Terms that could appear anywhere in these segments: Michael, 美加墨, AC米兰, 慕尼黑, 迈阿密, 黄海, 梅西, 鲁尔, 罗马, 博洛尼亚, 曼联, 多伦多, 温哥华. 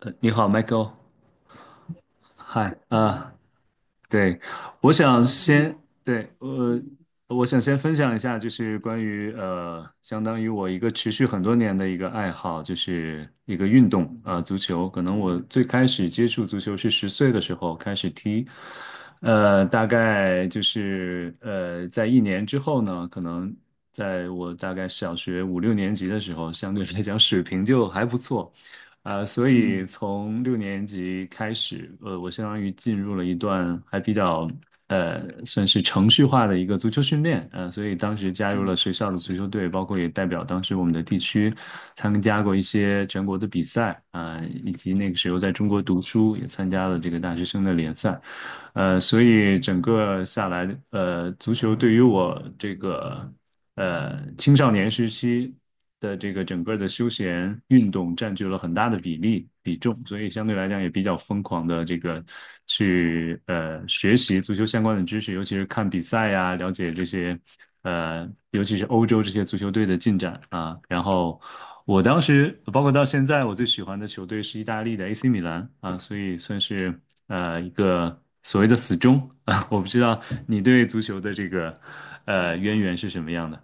你好，Michael，嗨，啊，对，我想先，对，我想先分享一下，就是关于相当于我一个持续很多年的一个爱好，就是一个运动，啊，足球。可能我最开始接触足球是10岁的时候开始踢，大概就是在一年之后呢，可能在我大概小学五六年级的时候，相对来讲水平就还不错。啊，所以从六年级开始，我相当于进入了一段还比较算是程序化的一个足球训练，所以当时加入了学校的足球队，包括也代表当时我们的地区参加过一些全国的比赛，啊、以及那个时候在中国读书，也参加了这个大学生的联赛。所以整个下来，足球对于我这个青少年时期的这个整个的休闲运动占据了很大的比例比重，所以相对来讲也比较疯狂的这个去学习足球相关的知识，尤其是看比赛呀，了解这些尤其是欧洲这些足球队的进展啊。然后我当时包括到现在，我最喜欢的球队是意大利的 AC 米兰啊，所以算是一个，所谓的死忠啊，我不知道你对足球的这个渊源是什么样的。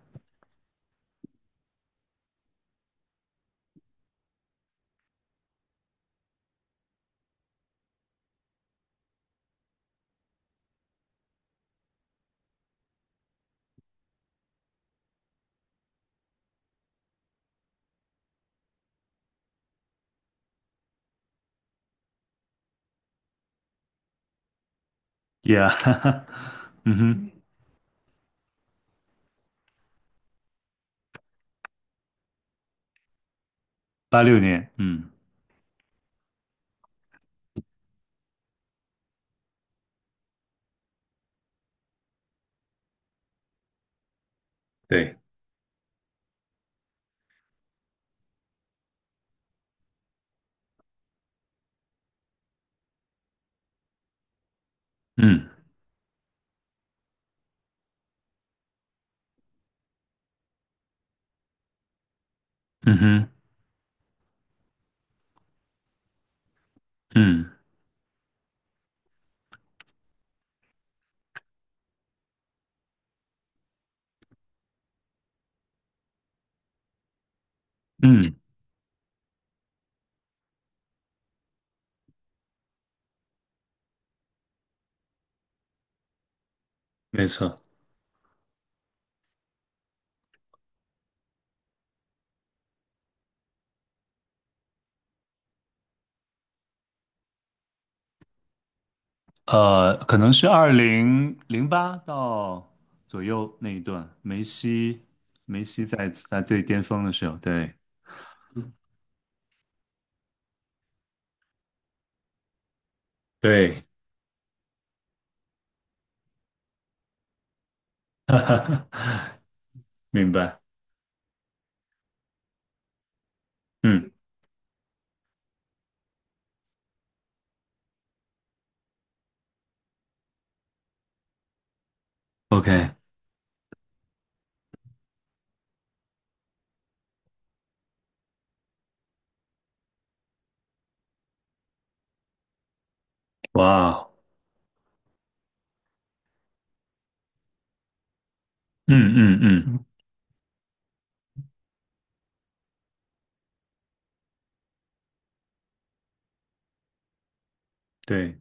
Yeah，嗯哼，86年，嗯，对，嗯嗯哼，嗯嗯，没错，可能是2008到左右那一段，梅西在他最巅峰的时候，对，对，明白，嗯，OK，哇哦，嗯嗯嗯，对，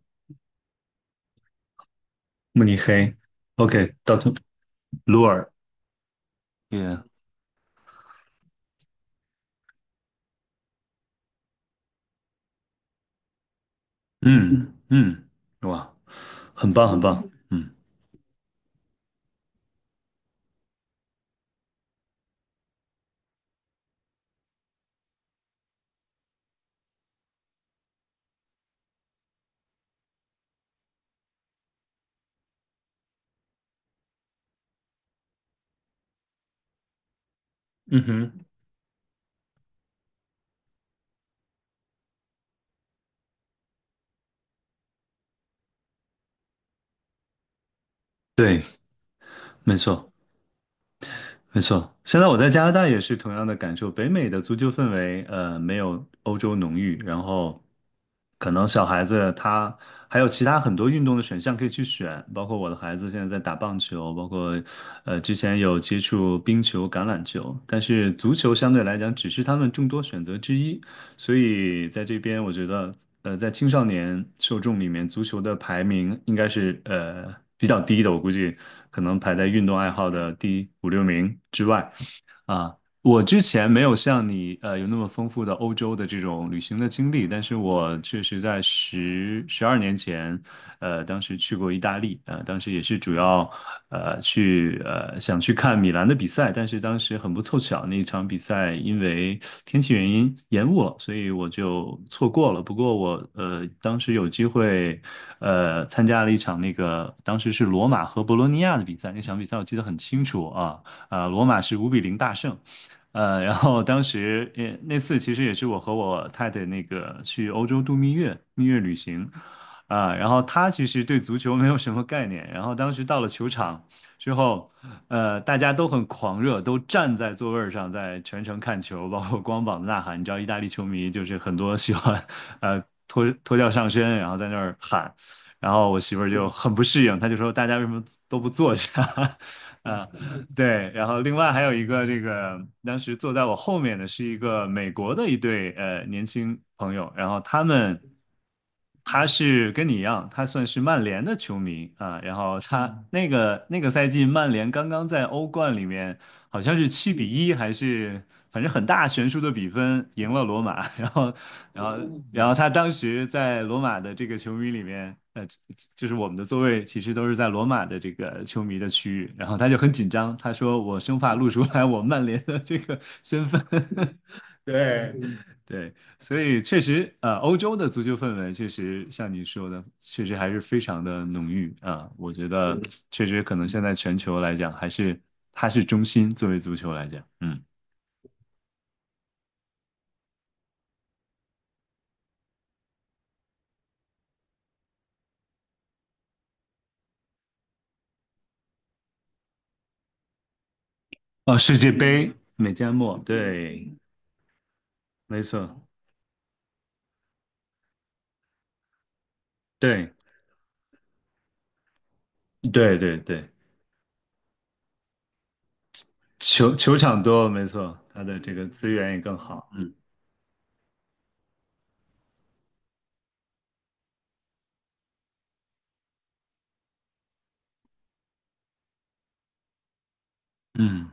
慕尼黑，OK，到鲁尔，也，嗯嗯，哇，很棒很棒，嗯，嗯哼，对，没错没错。现在我在加拿大也是同样的感受，北美的足球氛围，没有欧洲浓郁，然后可能小孩子他还有其他很多运动的选项可以去选，包括我的孩子现在在打棒球，包括之前有接触冰球、橄榄球，但是足球相对来讲只是他们众多选择之一，所以在这边，我觉得，在青少年受众里面，足球的排名应该是比较低的，我估计可能排在运动爱好的第五六名之外。啊，我之前没有像你有那么丰富的欧洲的这种旅行的经历，但是我确实在12年前，当时去过意大利，当时也是主要去想去看米兰的比赛，但是当时很不凑巧，那一场比赛因为天气原因延误了，所以我就错过了。不过我当时有机会参加了一场那个当时是罗马和博洛尼亚的比赛，那场比赛我记得很清楚啊。罗马是5-0大胜。然后当时也那次其实也是我和我太太那个去欧洲度蜜月，蜜月旅行，啊、然后她其实对足球没有什么概念，然后当时到了球场之后，大家都很狂热，都站在座位儿上在全程看球，包括光膀子呐喊。你知道意大利球迷就是很多喜欢，脱掉上身，然后在那儿喊，然后我媳妇儿就很不适应，她就说大家为什么都不坐下？啊、对，然后另外还有一个这个，当时坐在我后面的是一个美国的一对年轻朋友，然后他是跟你一样，他算是曼联的球迷啊，然后他那个赛季曼联刚刚在欧冠里面好像是7-1还是反正很大悬殊的比分赢了罗马，然后然后他当时在罗马的这个球迷里面，就是我们的座位其实都是在罗马的这个球迷的区域，然后他就很紧张，他说我生怕露出来我曼联的这个身份，对对。所以确实，欧洲的足球氛围确实像你说的，确实还是非常的浓郁啊。我觉得确实可能现在全球来讲，还是它是中心，作为足球来讲，嗯，哦，世界杯，美加墨，对，没错，对，对对对，球场多，没错，它的这个资源也更好，嗯嗯，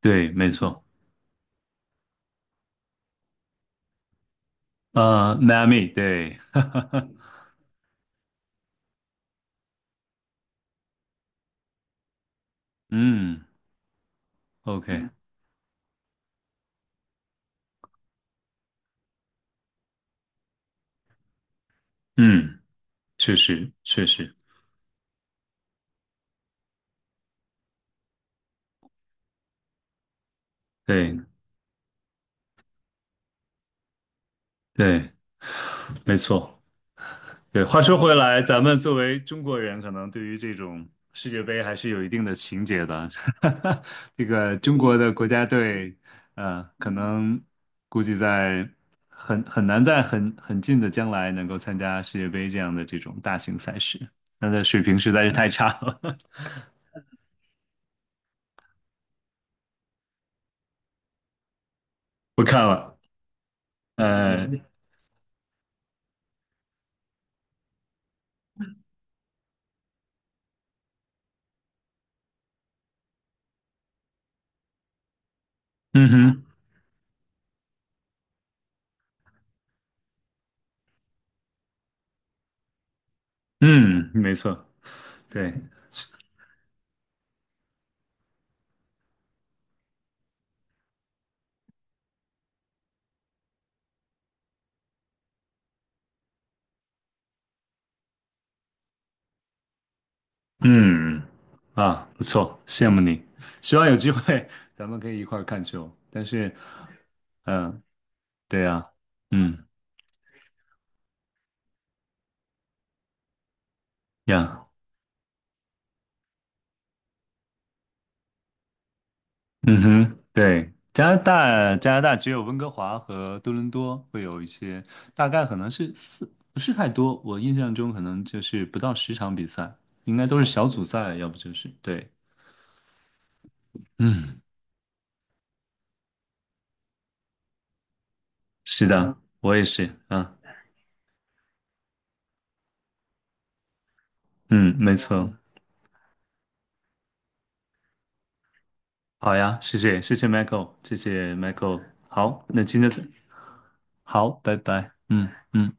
对，没错，迈阿密，对，嗯，OK，嗯，确实确实，对对。没错。对，话说回来，咱们作为中国人，可能对于这种世界杯还是有一定的情结的。这个中国的国家队，可能估计在很难在很近的将来能够参加世界杯这样的这种大型赛事，那的水平实在是太差了，不看了。呃，嗯哼，嗯，没错，对。嗯，嗯嗯啊，不错，羡慕你。希望有机会 咱们可以一块儿看球。但是，嗯、对呀、嗯呀，嗯哼，对，加拿大，加拿大只有温哥华和多伦多会有一些，大概可能是四，不是太多。我印象中可能就是不到10场比赛，应该都是小组赛，要不就是对。嗯，是的，我也是。啊，嗯，没错。好呀，谢谢，谢谢 Michael，谢谢 Michael。好，那今天好，拜拜。嗯嗯。